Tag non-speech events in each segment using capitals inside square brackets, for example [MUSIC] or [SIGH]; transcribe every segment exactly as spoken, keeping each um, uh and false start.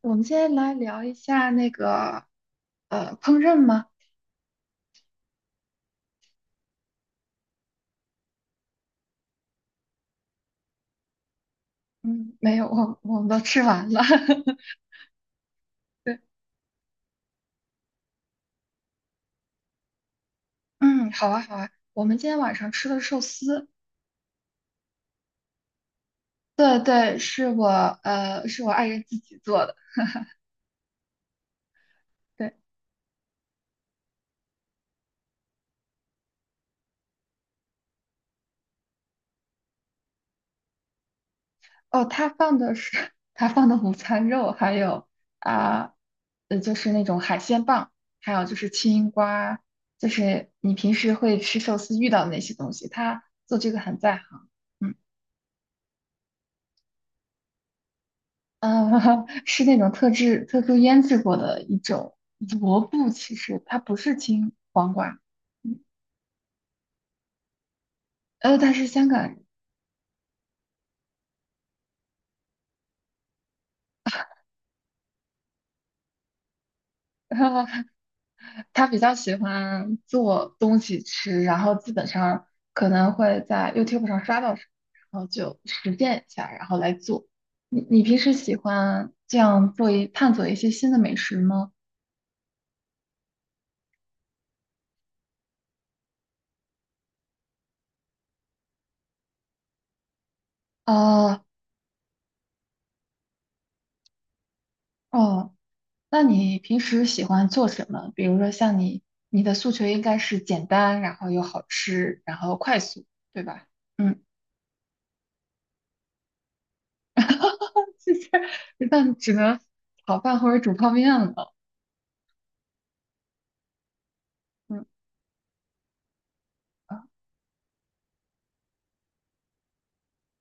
我们现在来聊一下那个呃烹饪吗？嗯，没有，我我们都吃完了。[LAUGHS] 对，嗯，好啊好啊。我们今天晚上吃的寿司，对对，是我呃是我爱人自己做的。对，哦，他放的是 [LAUGHS] 他放的午餐肉，还有啊呃就是那种海鲜棒，还有就是青瓜，就是你平时会吃寿司遇到的那些东西，他做这个很在行。嗯。呃，[LAUGHS] 是那种特制、特殊腌制过的一种萝卜，其实它不是青黄瓜，嗯呃，但是香港人 [LAUGHS] 他比较喜欢做东西吃，然后基本上可能会在 YouTube 上刷到什么，然后就实践一下，然后来做。你你平时喜欢这样做一探索一些新的美食吗？啊、哦。那你平时喜欢做什么？比如说像你，你的诉求应该是简单，然后又好吃，然后快速，对吧？嗯，[LAUGHS] 那只能炒饭或者煮泡面了。嗯啊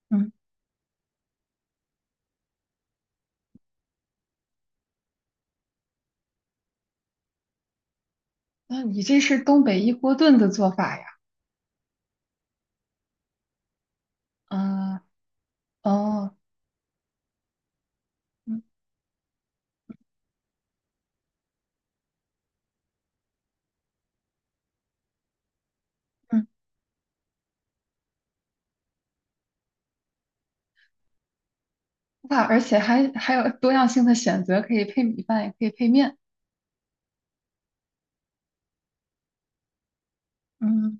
嗯，那你这是东北一锅炖的做法呀？啊哦嗯嗯，哇，而且还还有多样性的选择，可以配米饭，也可以配面。嗯，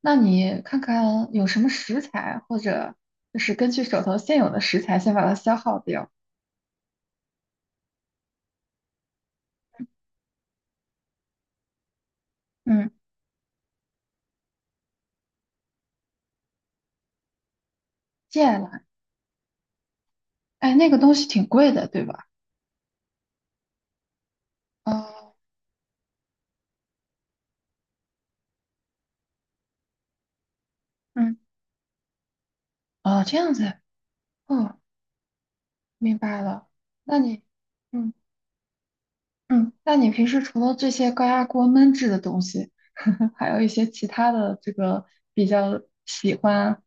那你看看有什么食材，或者就是根据手头现有的食材，先把它消耗掉。嗯，芥蓝，哎，那个东西挺贵的，对吧？哦，嗯，哦，这样子，哦，明白了。那你，嗯嗯，那你平时除了这些高压锅焖制的东西，[LAUGHS] 还有一些其他的这个比较喜欢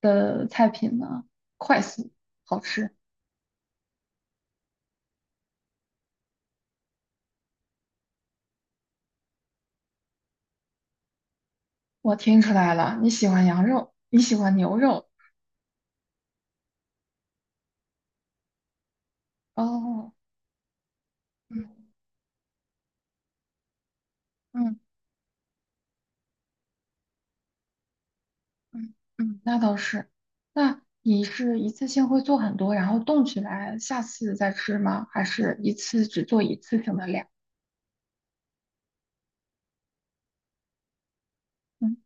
的菜品呢？快速好吃，我听出来了，你喜欢羊肉，你喜欢牛肉。哦，嗯嗯嗯嗯，那倒是。那你是一次性会做很多，然后冻起来，下次再吃吗？还是一次只做一次性的量？嗯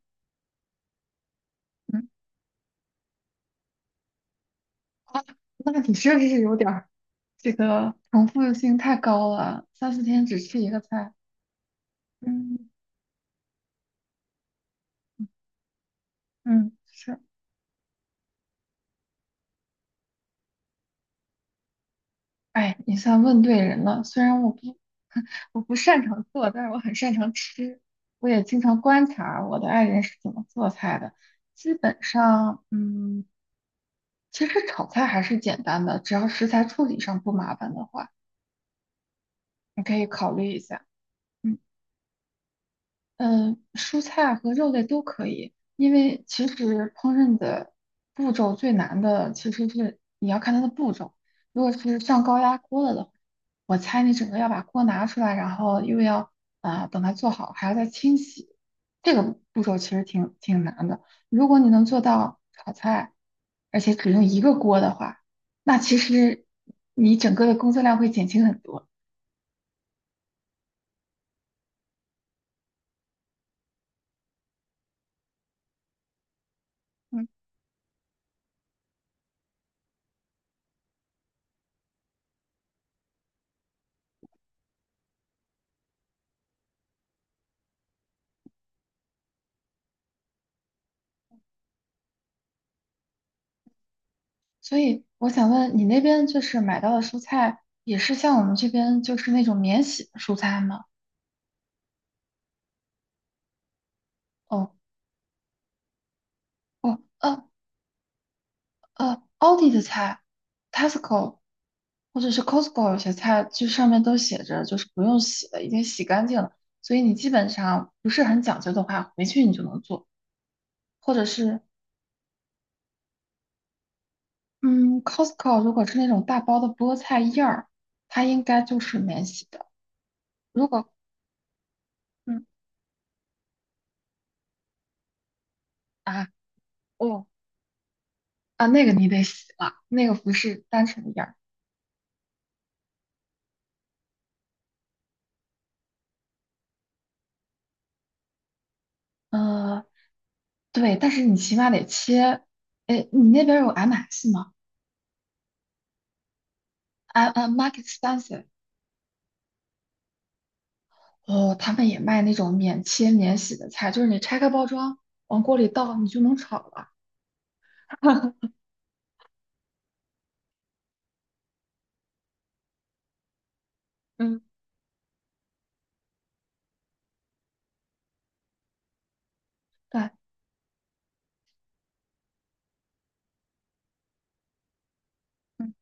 嗯，啊，那你是不是有点儿这个重复性太高了？三四天只吃一个菜。嗯嗯，是。哎，你算问对人了。虽然我不 [LAUGHS] 我不擅长做，但是我很擅长吃。我也经常观察我的爱人是怎么做菜的。基本上，嗯。其实炒菜还是简单的，只要食材处理上不麻烦的话，你可以考虑一下。嗯。嗯，蔬菜啊和肉类都可以，因为其实烹饪的步骤最难的其实是你要看它的步骤。如果是上高压锅了的话，我猜你整个要把锅拿出来，然后又要啊、呃等它做好，还要再清洗，这个步骤其实挺挺难的。如果你能做到炒菜，而且只用一个锅的话，那其实你整个的工作量会减轻很多。嗯。所以我想问你那边就是买到的蔬菜也是像我们这边就是那种免洗的蔬菜吗？哦哦呃呃，a 奥迪的菜，Tesco 或者是 Costco 有些菜就上面都写着就是不用洗了，已经洗干净了，所以你基本上不是很讲究的话，回去你就能做，或者是嗯，Costco 如果是那种大包的菠菜叶儿，它应该就是免洗的，如果嗯啊。哦。啊，那个你得洗了，那个不是单纯一叶儿。呃，对，但是你起码得切。哎，你那边有 M S 吗？M M Market Spencer，哦，他们也卖那种免切免洗的菜，就是你拆开包装，往锅里倒，你就能炒了。[LAUGHS] 嗯，对嗯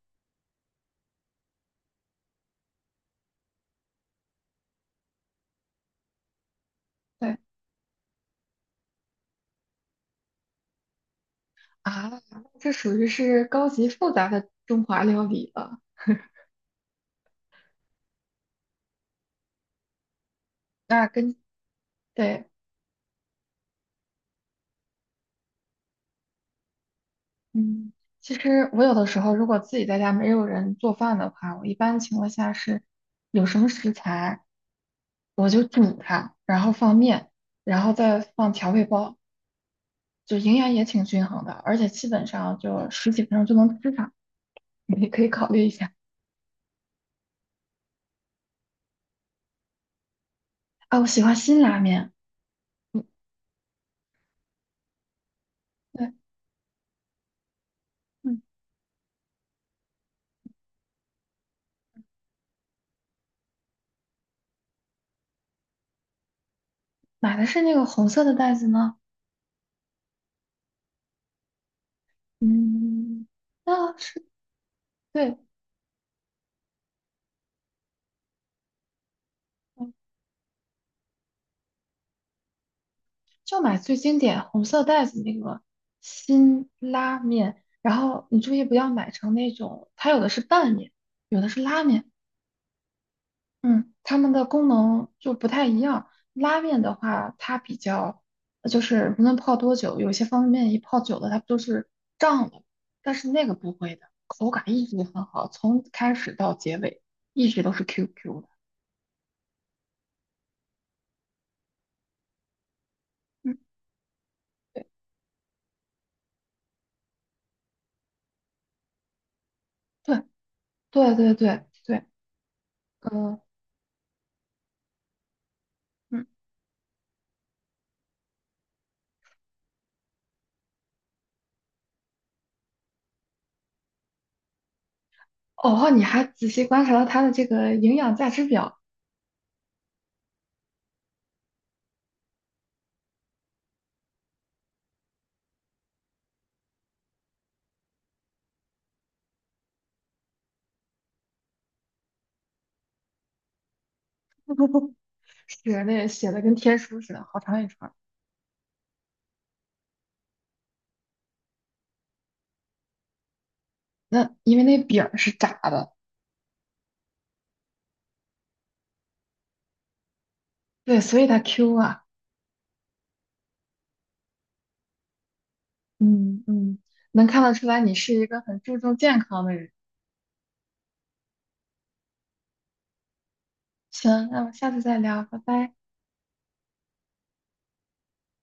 对啊，这属于是高级复杂的中华料理了。那跟对嗯，其实我有的时候如果自己在家没有人做饭的话，我一般情况下是有什么食材就煮它，然后放面，然后再放调味包，就营养也挺均衡的，而且基本上就十几分钟就能吃上，你可以考虑一下。啊，我喜欢新拉面，嗯，对，嗯，买的是那个红色的袋子吗？嗯，啊，是，对，嗯就买最经典红色袋子那个新拉面，然后你注意不要买成那种，它有的是拌面，有的是拉面，嗯，它们的功能就不太一样。拉面的话，它比较呃就是无论泡多久，有些方便面一泡久了它不就是胀了，但是那个不会的，口感一直很好，从开始到结尾一直都是 Q Q 的。嗯，对对对对对对，呃。嗯哦，你还仔细观察了它的这个营养价值表，[LAUGHS] 是那写的跟天书似的，好长一串儿。那因为那饼儿是炸的，对，所以它 Q 啊，嗯嗯，能看得出来你是一个很注重健康的人。行，那我们下次再聊，拜拜。